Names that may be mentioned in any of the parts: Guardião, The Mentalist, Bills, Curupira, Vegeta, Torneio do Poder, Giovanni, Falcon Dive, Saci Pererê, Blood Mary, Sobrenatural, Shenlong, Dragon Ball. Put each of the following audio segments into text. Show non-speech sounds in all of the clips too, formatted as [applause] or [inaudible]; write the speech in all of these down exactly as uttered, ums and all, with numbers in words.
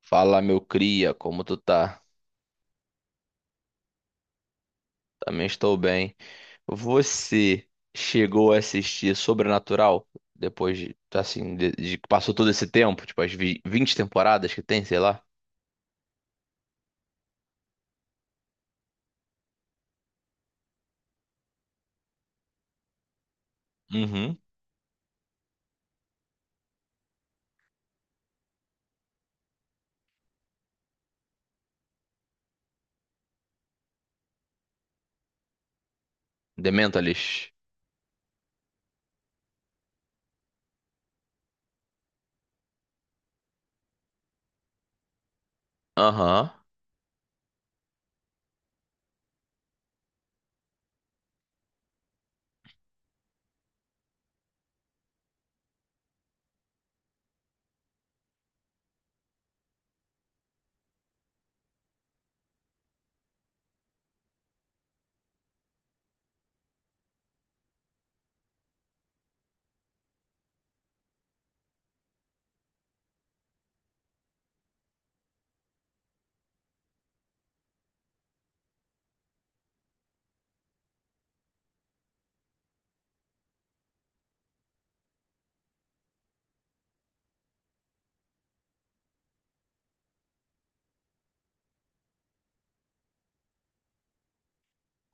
Fala, meu cria, como tu tá? Também estou bem. Você chegou a assistir Sobrenatural depois de, assim, de, de que passou todo esse tempo, tipo as vi- vinte temporadas que tem, sei lá. Uhum. The Mentalist. Aham.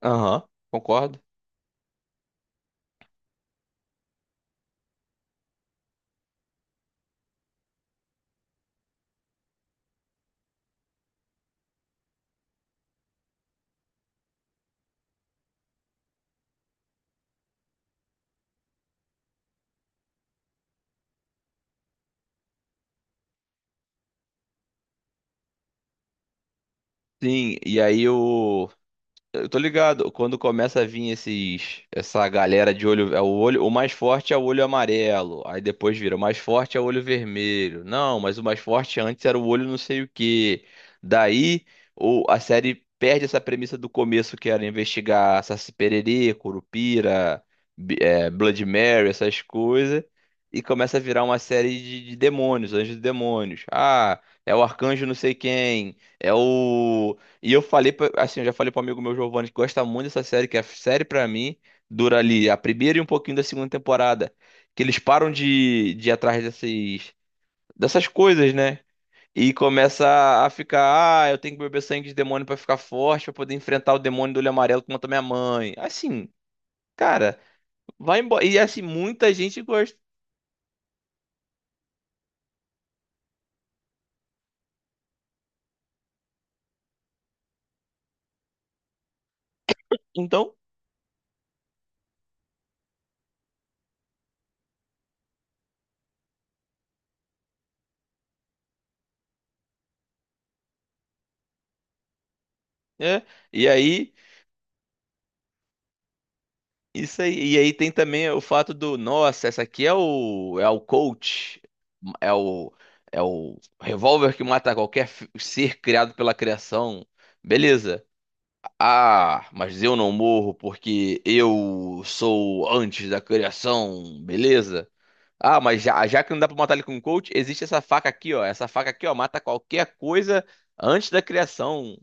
Aham, concordo. Sim, e aí o eu tô ligado, quando começa a vir esses, essa galera de olho, é o olho, o mais forte é o olho amarelo, aí depois vira, o mais forte é o olho vermelho. Não, mas o mais forte antes era o olho não sei o quê. Daí, o, a série perde essa premissa do começo que era investigar Saci Pererê, Curupira, Bi- é, Blood Mary, essas coisas, e começa a virar uma série de, de demônios, anjos e demônios. Ah, é o arcanjo não sei quem, é o e eu falei, pra- assim, eu já falei para amigo meu Giovanni que gosta muito dessa série, que é a série pra mim dura ali a primeira e um pouquinho da segunda temporada, que eles param de, de ir atrás dessas, dessas coisas, né? E começa a a ficar, ah, eu tenho que beber sangue de demônio pra ficar forte, pra poder enfrentar o demônio do olho amarelo que matou minha mãe. Assim, cara, vai embora. E assim, muita gente gosta. Então, é. E aí isso aí. E aí tem também o fato do, nossa, essa aqui é o é o coach, é o é o revólver que mata qualquer fi- ser criado pela criação. Beleza. Ah, mas eu não morro porque eu sou antes da criação, beleza? Ah, mas já, já que não dá pra matar ele com o coach, existe essa faca aqui, ó. Essa faca aqui, ó, mata qualquer coisa antes da criação.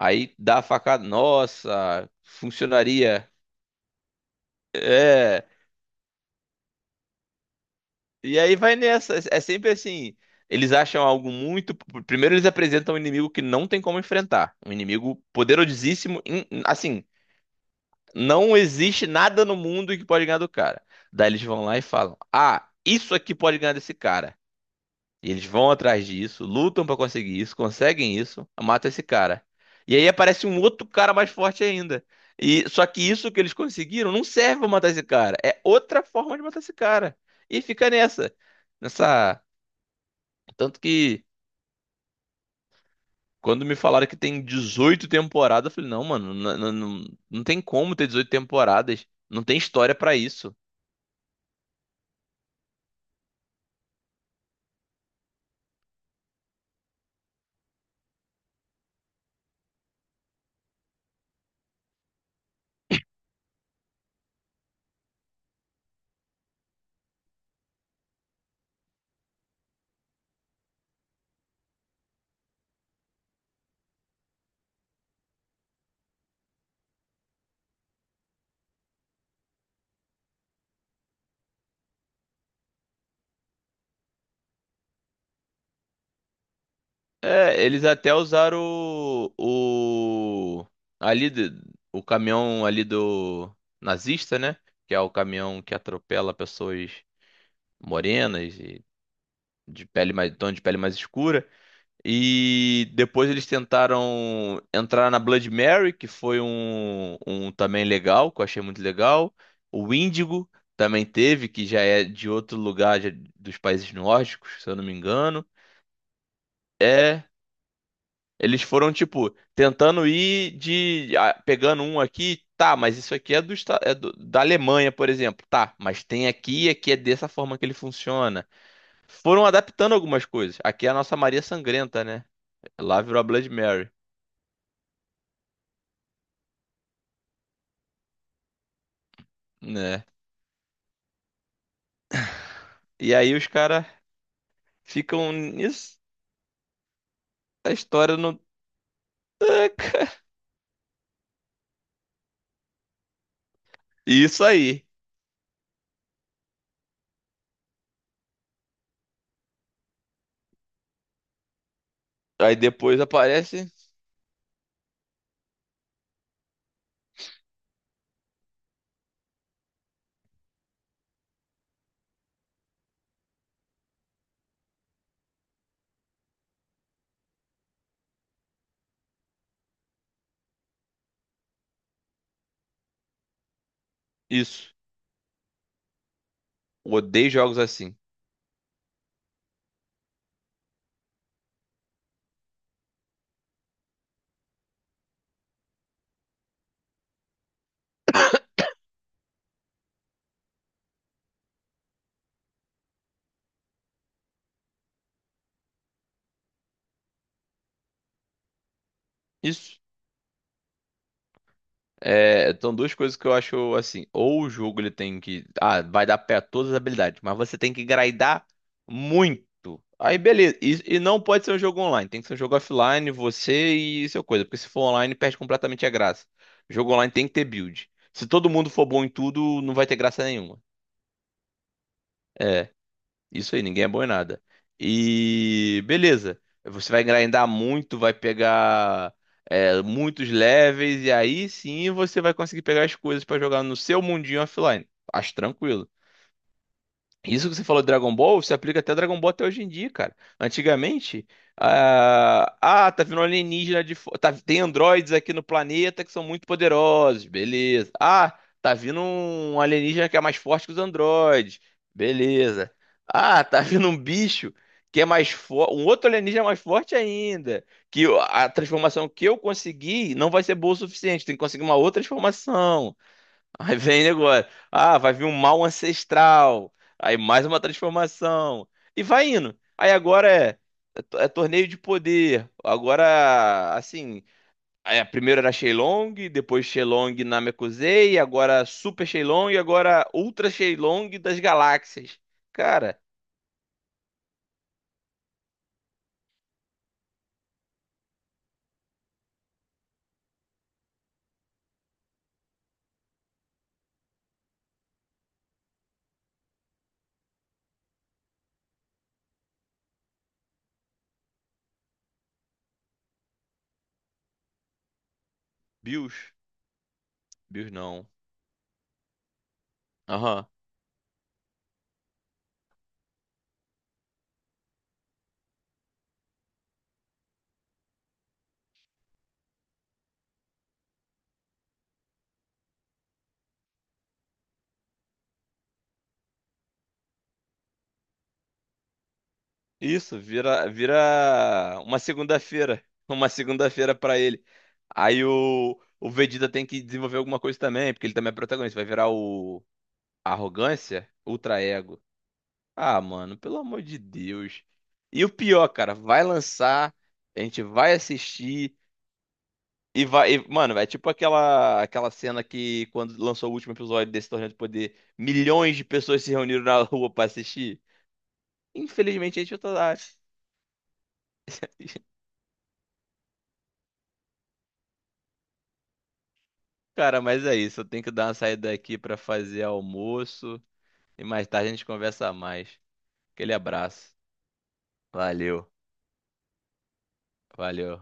Aí dá a facada, nossa, funcionaria. É. E aí vai nessa. É sempre assim. Eles acham algo muito. Primeiro eles apresentam um inimigo que não tem como enfrentar. Um inimigo poderosíssimo. in- Assim, não existe nada no mundo que pode ganhar do cara. Daí eles vão lá e falam: ah, isso aqui pode ganhar desse cara. E eles vão atrás disso, lutam pra conseguir isso, conseguem isso, matam esse cara. E aí aparece um outro cara mais forte ainda. E só que isso que eles conseguiram não serve pra matar esse cara. É outra forma de matar esse cara. E fica nessa nessa tanto que quando me falaram que tem dezoito temporadas, eu falei, não, mano, não, não, não- não tem como ter dezoito temporadas. Não tem história pra isso. É, eles até usaram o, o ali de- o caminhão ali do nazista, né? Que é o caminhão que atropela pessoas morenas e de pele mais, tom de pele mais escura. E depois eles tentaram entrar na Blood Mary, que foi um, um também legal, que eu achei muito legal. O Índigo também teve, que já é de outro lugar já dos países nórdicos, se eu não me engano. É, eles foram, tipo, tentando ir de. Ah, pegando um aqui, tá, mas isso aqui é, do, esta- é do- da Alemanha, por exemplo. Tá, mas tem aqui e aqui é dessa forma que ele funciona. Foram adaptando algumas coisas. Aqui é a nossa Maria Sangrenta, né? Lá virou a Blood Mary. Né? E aí os caras ficam nisso. A história não. [laughs] Isso aí. Aí depois aparece isso. Odeio jogos assim. Isso. É, então duas coisas que eu acho assim. Ou o jogo ele tem que. Ah, vai dar pé a todas as habilidades, mas você tem que grindar muito. Aí beleza. E, e não pode ser um jogo online. Tem que ser um jogo offline, você e seu coisa. Porque se for online, perde completamente a graça. Jogo online tem que ter build. Se todo mundo for bom em tudo, não vai ter graça nenhuma. Isso aí, ninguém é bom em nada. E beleza. Você vai grindar muito, vai pegar é, muitos levels, e aí sim você vai conseguir pegar as coisas pra jogar no seu mundinho offline. Acho tranquilo. Isso que você falou de Dragon Ball se aplica até a Dragon Ball até hoje em dia, cara. Antigamente, ah, ah, tá vindo um alienígena de fo- tá, tem androides aqui no planeta que são muito poderosos, beleza. Ah, tá vindo um alienígena que é mais forte que os androides, beleza. Ah, tá [laughs] vindo um bicho que é mais forte, um outro alienígena mais forte ainda, que o- a transformação que eu consegui não vai ser boa o suficiente, tem que conseguir uma outra transformação. Aí vem negócio. Ah, vai vir um mal ancestral. Aí mais uma transformação. E vai indo. Aí agora é, é, to- é torneio de poder. Agora, assim. É, primeiro era Shenlong, depois Shenlong Namekusei, agora Super Shenlong e agora Ultra Shenlong das galáxias. Cara, Bills. Bills não. Aham. Isso, vira, vira uma segunda-feira. [laughs] Uma segunda-feira pra ele. Aí o, o Vegeta tem que desenvolver alguma coisa também, porque ele também é protagonista. Vai virar o Arrogância, Ultra Ego. Ah, mano, pelo amor de Deus. E o pior, cara, vai lançar, a gente vai assistir e vai. E, mano, é tipo aquela, aquela cena que quando lançou o último episódio desse Torneio do Poder, milhões de pessoas se reuniram na rua pra assistir. Infelizmente, a gente tá lá. [laughs] Cara, mas é isso. Eu tenho que dar uma saída aqui pra fazer almoço. E mais tarde a gente conversa mais. Aquele abraço. Valeu, valeu.